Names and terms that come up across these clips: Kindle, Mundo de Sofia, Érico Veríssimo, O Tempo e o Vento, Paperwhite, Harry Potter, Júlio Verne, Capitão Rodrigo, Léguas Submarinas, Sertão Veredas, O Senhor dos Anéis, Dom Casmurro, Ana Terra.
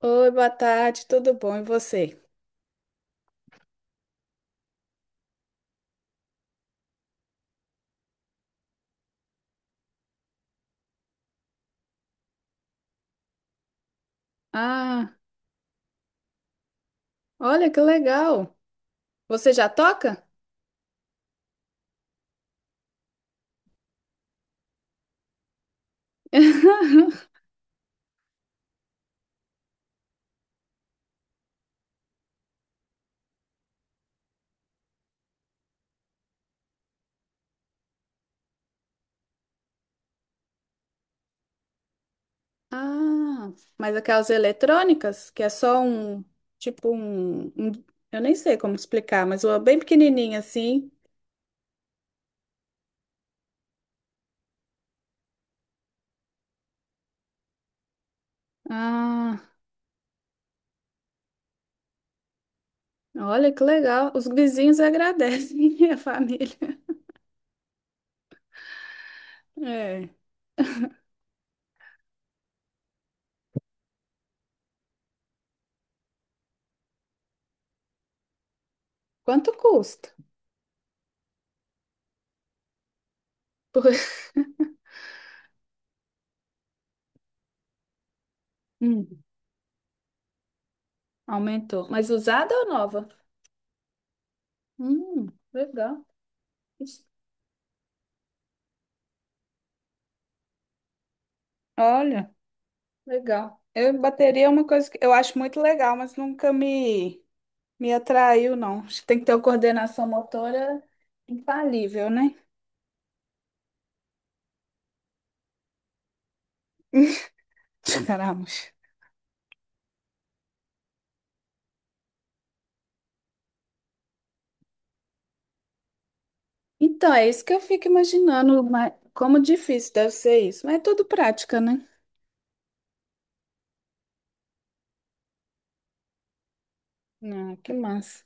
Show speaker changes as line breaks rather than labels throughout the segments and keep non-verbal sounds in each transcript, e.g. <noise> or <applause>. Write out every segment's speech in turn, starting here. Oi, boa tarde, tudo bom? E você? Ah, olha que legal! Você já toca? <laughs> Ah, mas aquelas eletrônicas, que é só um, tipo um, eu nem sei como explicar, mas uma bem pequenininha assim. Ah, olha que legal! Os vizinhos agradecem, <laughs> a família. É. Quanto custa? Por- <laughs> Hum, aumentou. Mas usada ou nova? Hum, legal. Olha. Legal. Bateria é uma coisa que eu acho muito legal, mas nunca me atraiu, não. Acho que tem que ter uma coordenação motora infalível, né? <laughs> Caramba. Então, é isso que eu fico imaginando, mas como difícil deve ser isso. Mas é tudo prática, né? Ah, que massa.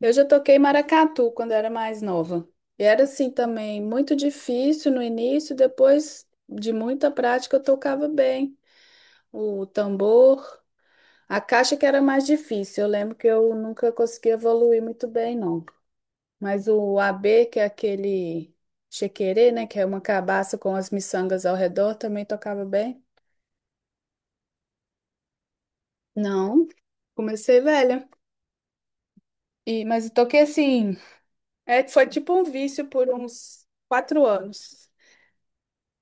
Eu já toquei maracatu quando era mais nova. E era assim também, muito difícil no início, depois de muita prática eu tocava bem o tambor. A caixa que era mais difícil, eu lembro que eu nunca consegui evoluir muito bem, não. Mas o AB, que é aquele chequerê, né, que é uma cabaça com as miçangas ao redor, também tocava bem. Não, comecei velha. E, mas eu toquei assim, foi tipo um vício por uns 4 anos.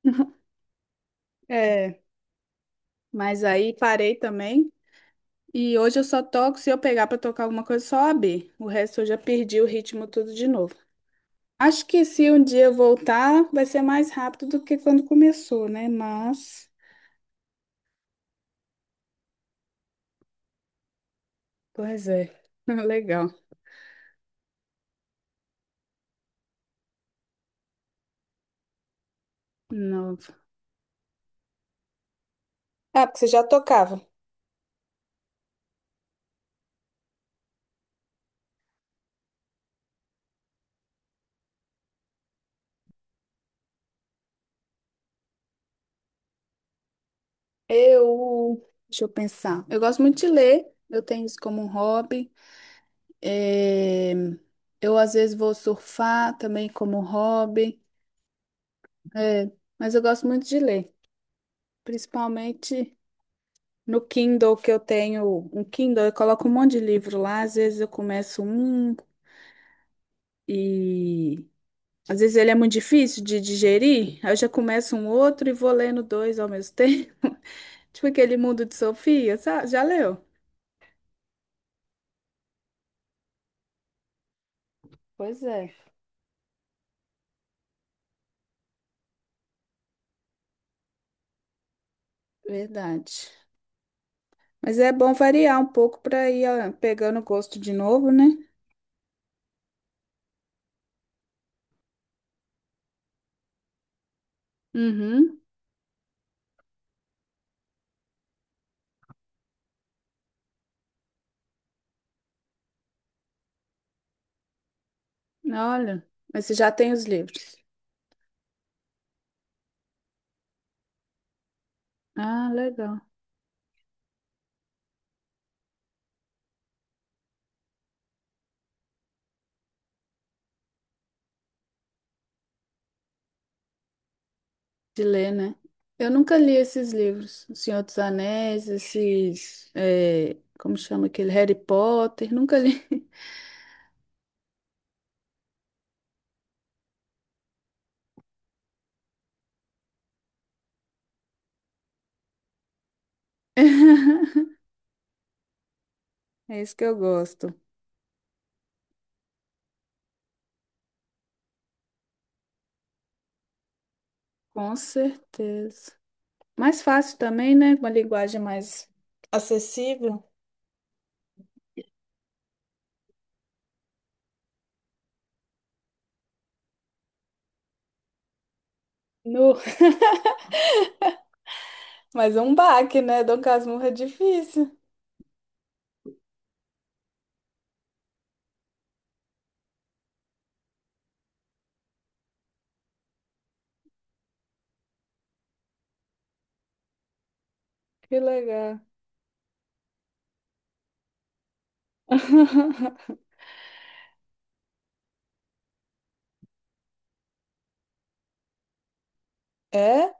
<laughs> É, mas aí parei também. E hoje eu só toco se eu pegar pra tocar alguma coisa só AB. O resto eu já perdi o ritmo tudo de novo. Acho que se um dia eu voltar, vai ser mais rápido do que quando começou, né? Mas, pois é, <laughs> legal. Nova. Ah, porque você já tocava. Eu, deixa eu pensar. Eu gosto muito de ler, eu tenho isso como um hobby. É, eu às vezes vou surfar também como um hobby. É, mas eu gosto muito de ler, principalmente no Kindle que eu tenho, um Kindle, eu coloco um monte de livro lá, às vezes eu começo um e às vezes ele é muito difícil de digerir, aí eu já começo um outro e vou lendo dois ao mesmo <laughs> tempo. Tipo aquele Mundo de Sofia, sabe? Já leu? Pois é. Verdade. Mas é bom variar um pouco para ir ó, pegando o gosto de novo, né? Uhum. Olha. Mas você já tem os livros? Ah, legal. De ler, né? Eu nunca li esses livros, O Senhor dos Anéis, como chama aquele? Harry Potter, nunca li. <laughs> É isso que eu gosto. Com certeza. Mais fácil também, né? Uma linguagem mais assim, no... <laughs> Mas é um baque, né? Dom Casmurro é difícil. Que legal. <laughs> É?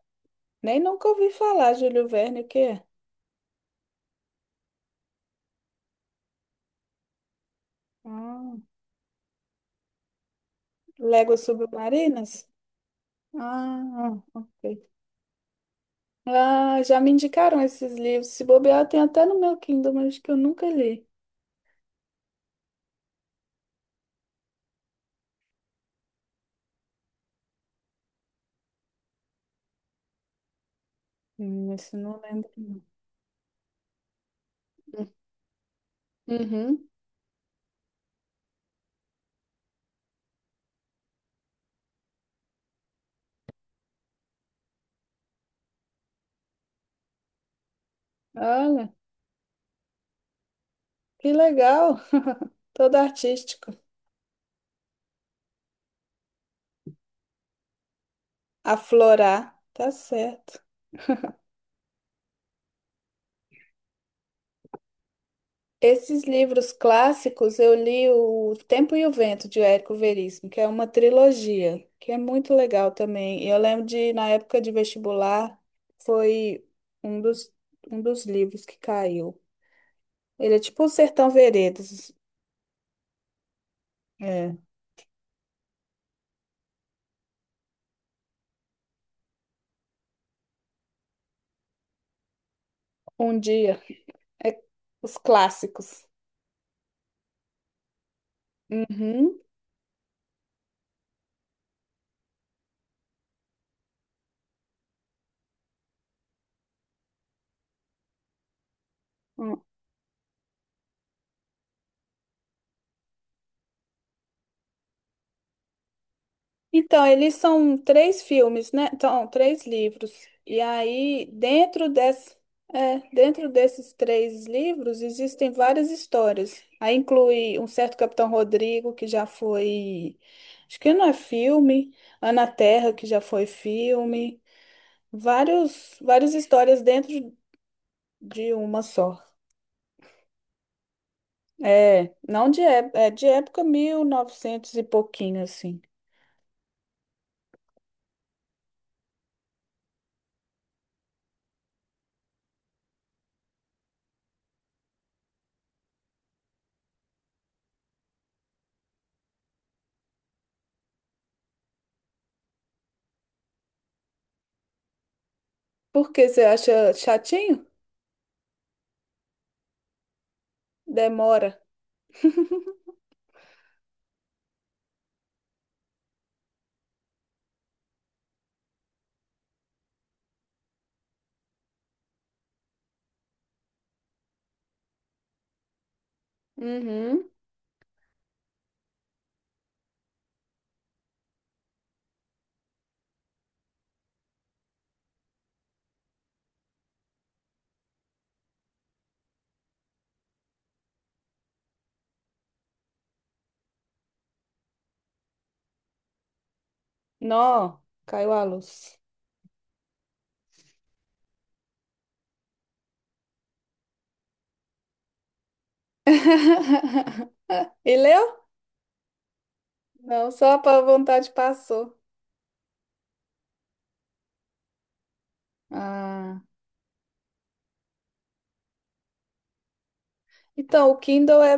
Nem nunca ouvi falar, Júlio Verne, o quê? Ah, Léguas Submarinas? Ah, ok. Ah, já me indicaram esses livros. Se bobear, tem até no meu Kindle, mas acho que eu nunca li. Esse não lembro, não. Uhum. Olha, que legal. <laughs> Todo artístico. Aflorar, tá certo. Esses livros clássicos, eu li O Tempo e o Vento, de Érico Veríssimo, que é uma trilogia, que é muito legal também. E eu lembro de, na época de vestibular, foi um dos, um dos livros que caiu. Ele é tipo o Sertão Veredas. É. Um dia. É os clássicos. Uhum. Então, eles são três filmes, né? Então, três livros. E aí, dentro desses três livros, existem várias histórias. Aí inclui um certo Capitão Rodrigo, que já foi, acho que não é filme, Ana Terra, que já foi filme, várias histórias dentro de uma só. É, não de, é, é de época 1900 e pouquinho, assim. Por que você acha chatinho? Demora. Uhum. Nó, caiu a luz. <laughs> E leu? Não, só a vontade passou. Ah, então o Kindle é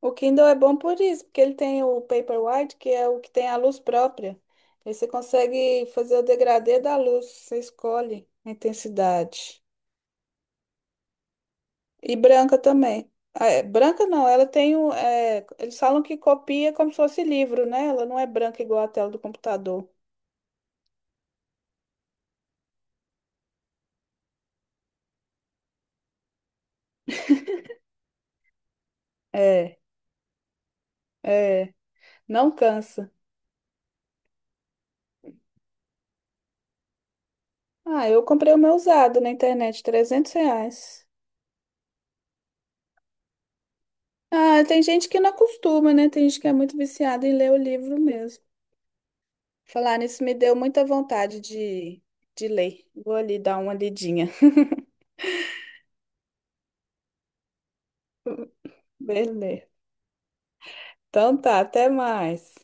o Kindle é bom por isso, porque ele tem o Paperwhite, que é o que tem a luz própria. Aí você consegue fazer o degradê da luz, você escolhe a intensidade. E branca também. Ah, é, branca não, ela eles falam que copia como se fosse livro, né? Ela não é branca igual a tela do computador. É, é, não cansa. Ah, eu comprei o meu usado na internet, R$ 300. Ah, tem gente que não acostuma, né? Tem gente que é muito viciada em ler o livro mesmo. Falar nisso me deu muita vontade de, ler. Vou ali dar uma lidinha. <laughs> Beleza. Então tá, até mais.